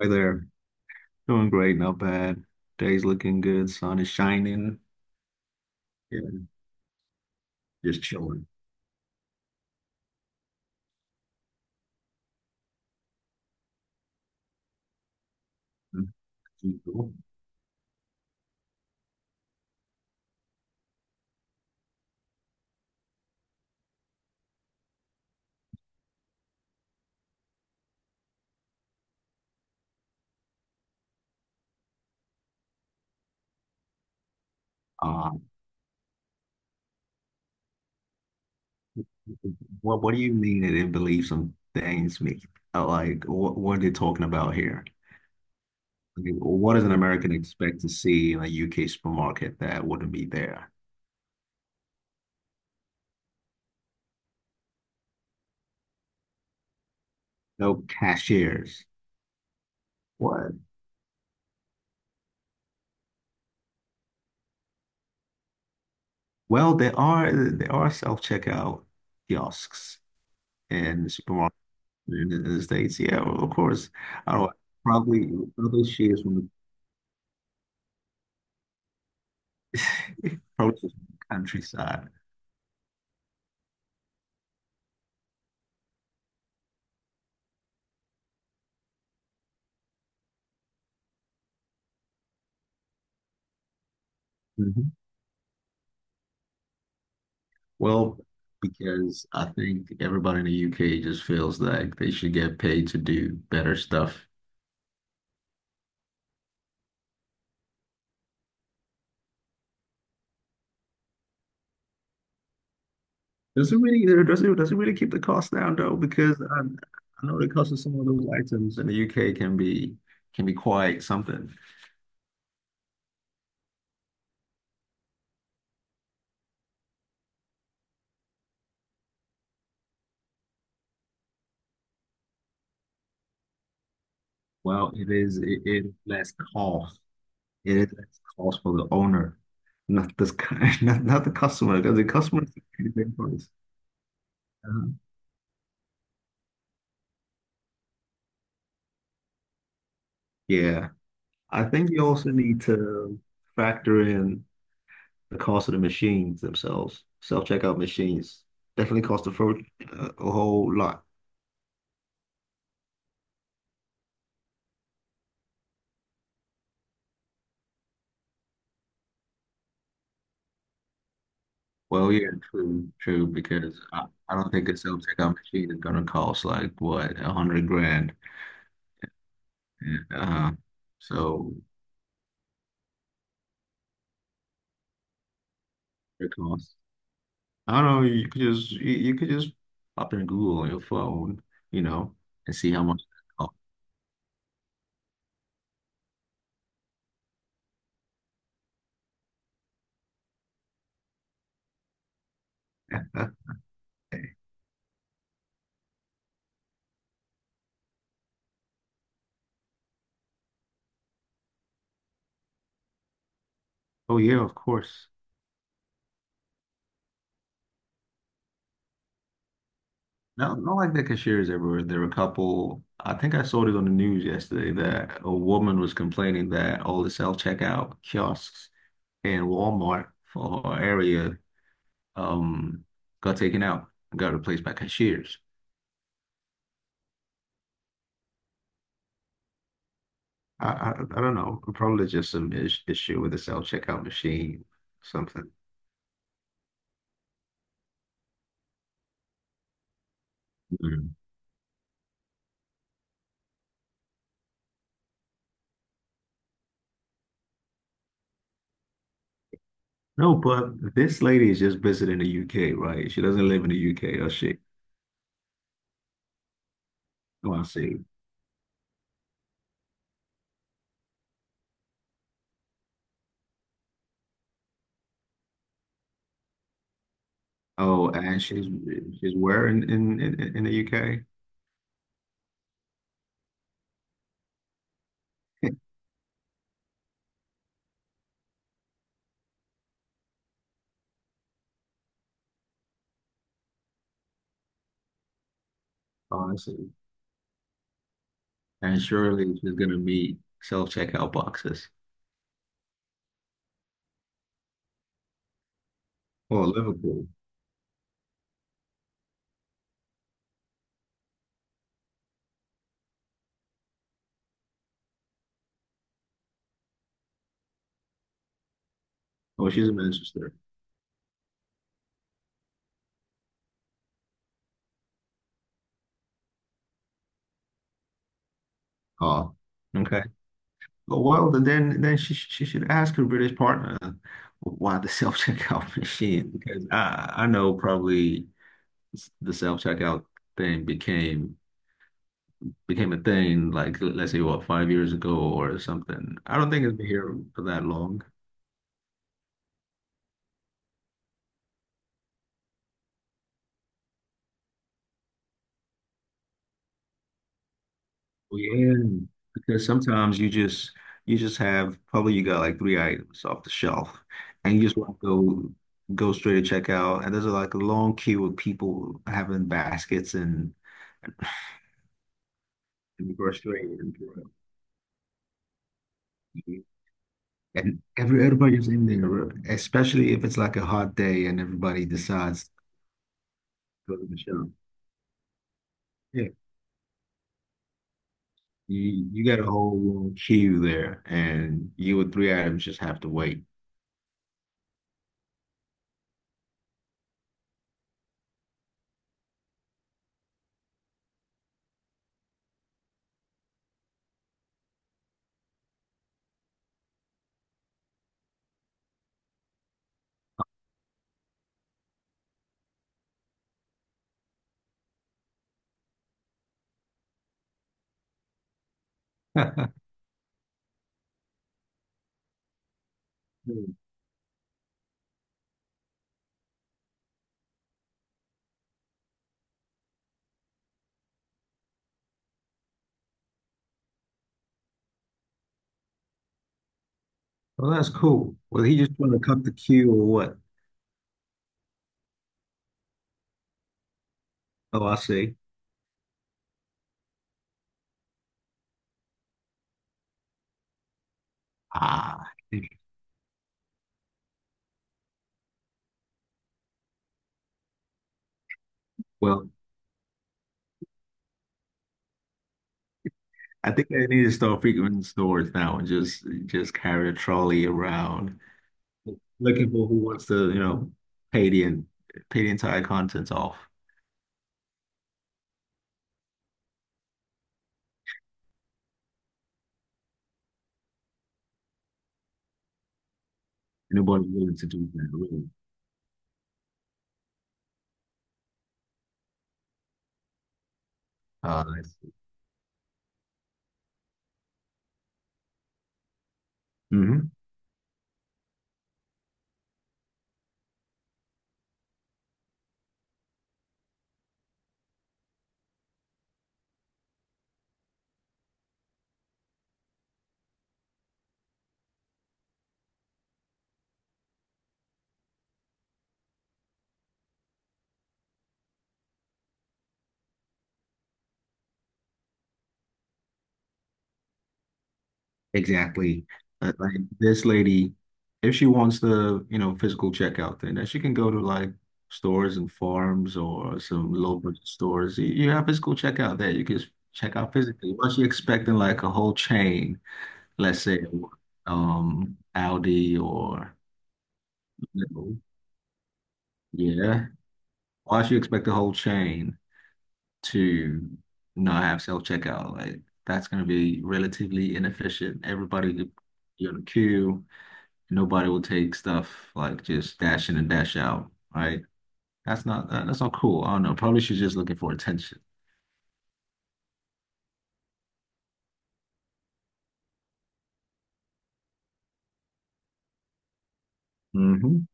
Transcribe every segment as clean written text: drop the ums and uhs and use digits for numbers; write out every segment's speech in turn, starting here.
Hi there. Doing great, not bad. Day's looking good, sun is shining. Yeah, just chilling. Uh, what do you mean that it believes some things me? Like what are they talking about here? I mean, what does an American expect to see in a UK supermarket that wouldn't be there? No cashiers. What? Well, there are self-checkout kiosks in supermarkets in the States. Yeah, well, of course. I don't know. Probably, probably she is from the probably just countryside. Mhm. Well, because I think everybody in the UK just feels like they should get paid to do better stuff. Does it really, does it really keep the cost down though? Because I know the cost of some of those items in the UK can be quite something. Well, it is less cost. It is less cost for the owner, not this kind, not the customer, because the customer is the big price. Uh-huh. Yeah. I think you also need to factor in the cost of the machines themselves. Self-checkout machines definitely cost a whole lot. Well, yeah, true, because I don't think a self-checkout machine is gonna cost like what, 100 grand. Uh, so it costs. I don't know, you could just pop in Google on your phone, you know, and see how much it costs. Oh yeah, of course. Not like that cashiers everywhere. There were a couple, I think I saw it on the news yesterday that a woman was complaining that all the self-checkout kiosks in Walmart for her area um, got taken out, got replaced by cashiers. I, I, I don't know. Probably just some is issue with the self-checkout machine, something. Mm. No, but this lady is just visiting the UK, right? She doesn't live in the UK, or she? Oh, I see. Oh, and she's where in the UK? Awesome. And surely she's going to meet self-checkout boxes. Oh, Liverpool. Oh, she's in Manchester. Oh, okay. Oh, well, then she should ask her British partner why the self-checkout machine because I know probably the self-checkout thing became a thing like let's say what, 5 years ago or something. I don't think it's been here for that long. Well, yeah, because sometimes you just have probably you got like 3 items off the shelf, and you just want to go straight to checkout, and there's like a long queue of people having baskets and grocery and everybody's in there, especially if it's like a hot day and everybody decides to go to the shop. Yeah, you got a whole long queue there, and you with 3 items just have to wait. Well, that's cool. Was he just trying to cut the queue or what? Oh, I see. Ah, well, I think I need to start frequenting stores now and just carry a trolley around looking for who wants to, you know, pay the en- pay the entire contents off. Nobody's willing to do that, really. Uh, hmm. Exactly. Like this lady, if she wants the, you know, physical checkout thing, then she can go to like stores and farms or some low budget stores. You have physical checkout there. You can just check out physically. What she expecting like a whole chain, let's say Aldi or Lidl. Yeah. Why should you expect the whole chain to not have self-checkout? Like that's gonna be relatively inefficient. Everybody could be on a queue. Nobody will take stuff like just dash in and dash out, right? That's not cool. I don't know. Probably she's just looking for attention. Hmm.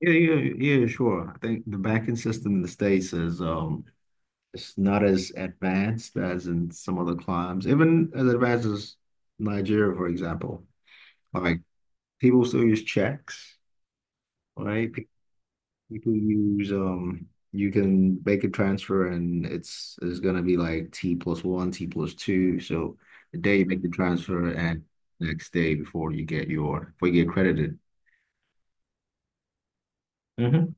Yeah, yeah, yeah, sure. I think the banking system in the States is it's not as advanced as in some other climes, even as advanced as Nigeria, for example. Like people still use checks, right? You can use you can make a transfer and it's gonna be like T+1, T+2. So the day you make the transfer and next day before you get your before you get credited. Hmm.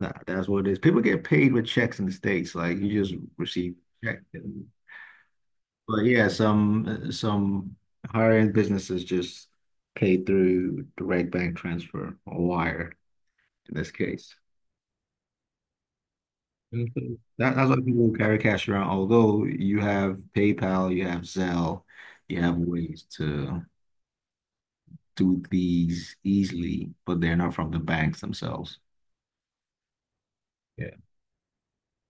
That's what it is. People get paid with checks in the States. Like you just receive a check. But yeah, some higher end businesses just pay through direct bank transfer or wire in this case. Mhm. That's why people carry cash around. Although you have PayPal, you have Zelle, you have ways to do these easily, but they're not from the banks themselves. Yeah.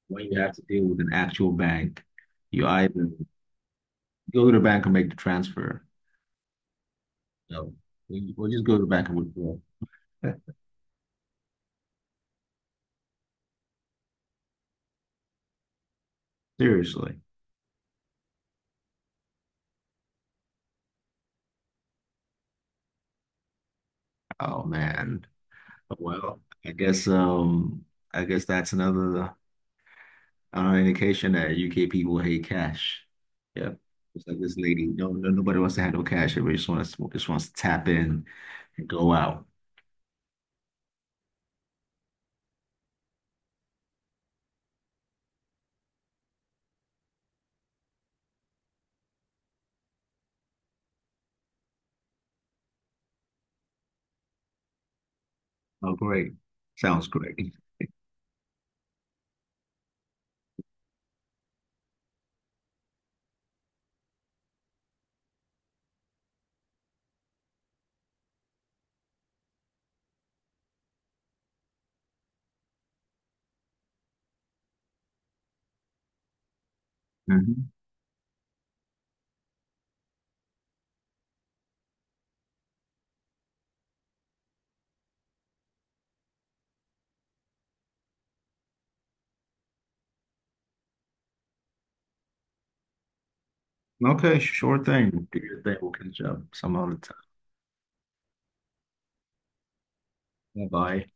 When you have to deal with an actual bank, you either go to the bank and make the transfer. No, we- we'll just go to the bank and withdraw. Seriously. Oh man. Well, I guess um, I guess that's another. An indication that UK people hate cash. Yeah. It's like this lady, no, nobody wants to have no cash. Everybody just wants to tap in and go out. Oh, great. Sounds great. Mhm. Okay, sure thing. Do your thing. We'll catch up some other time. Bye bye.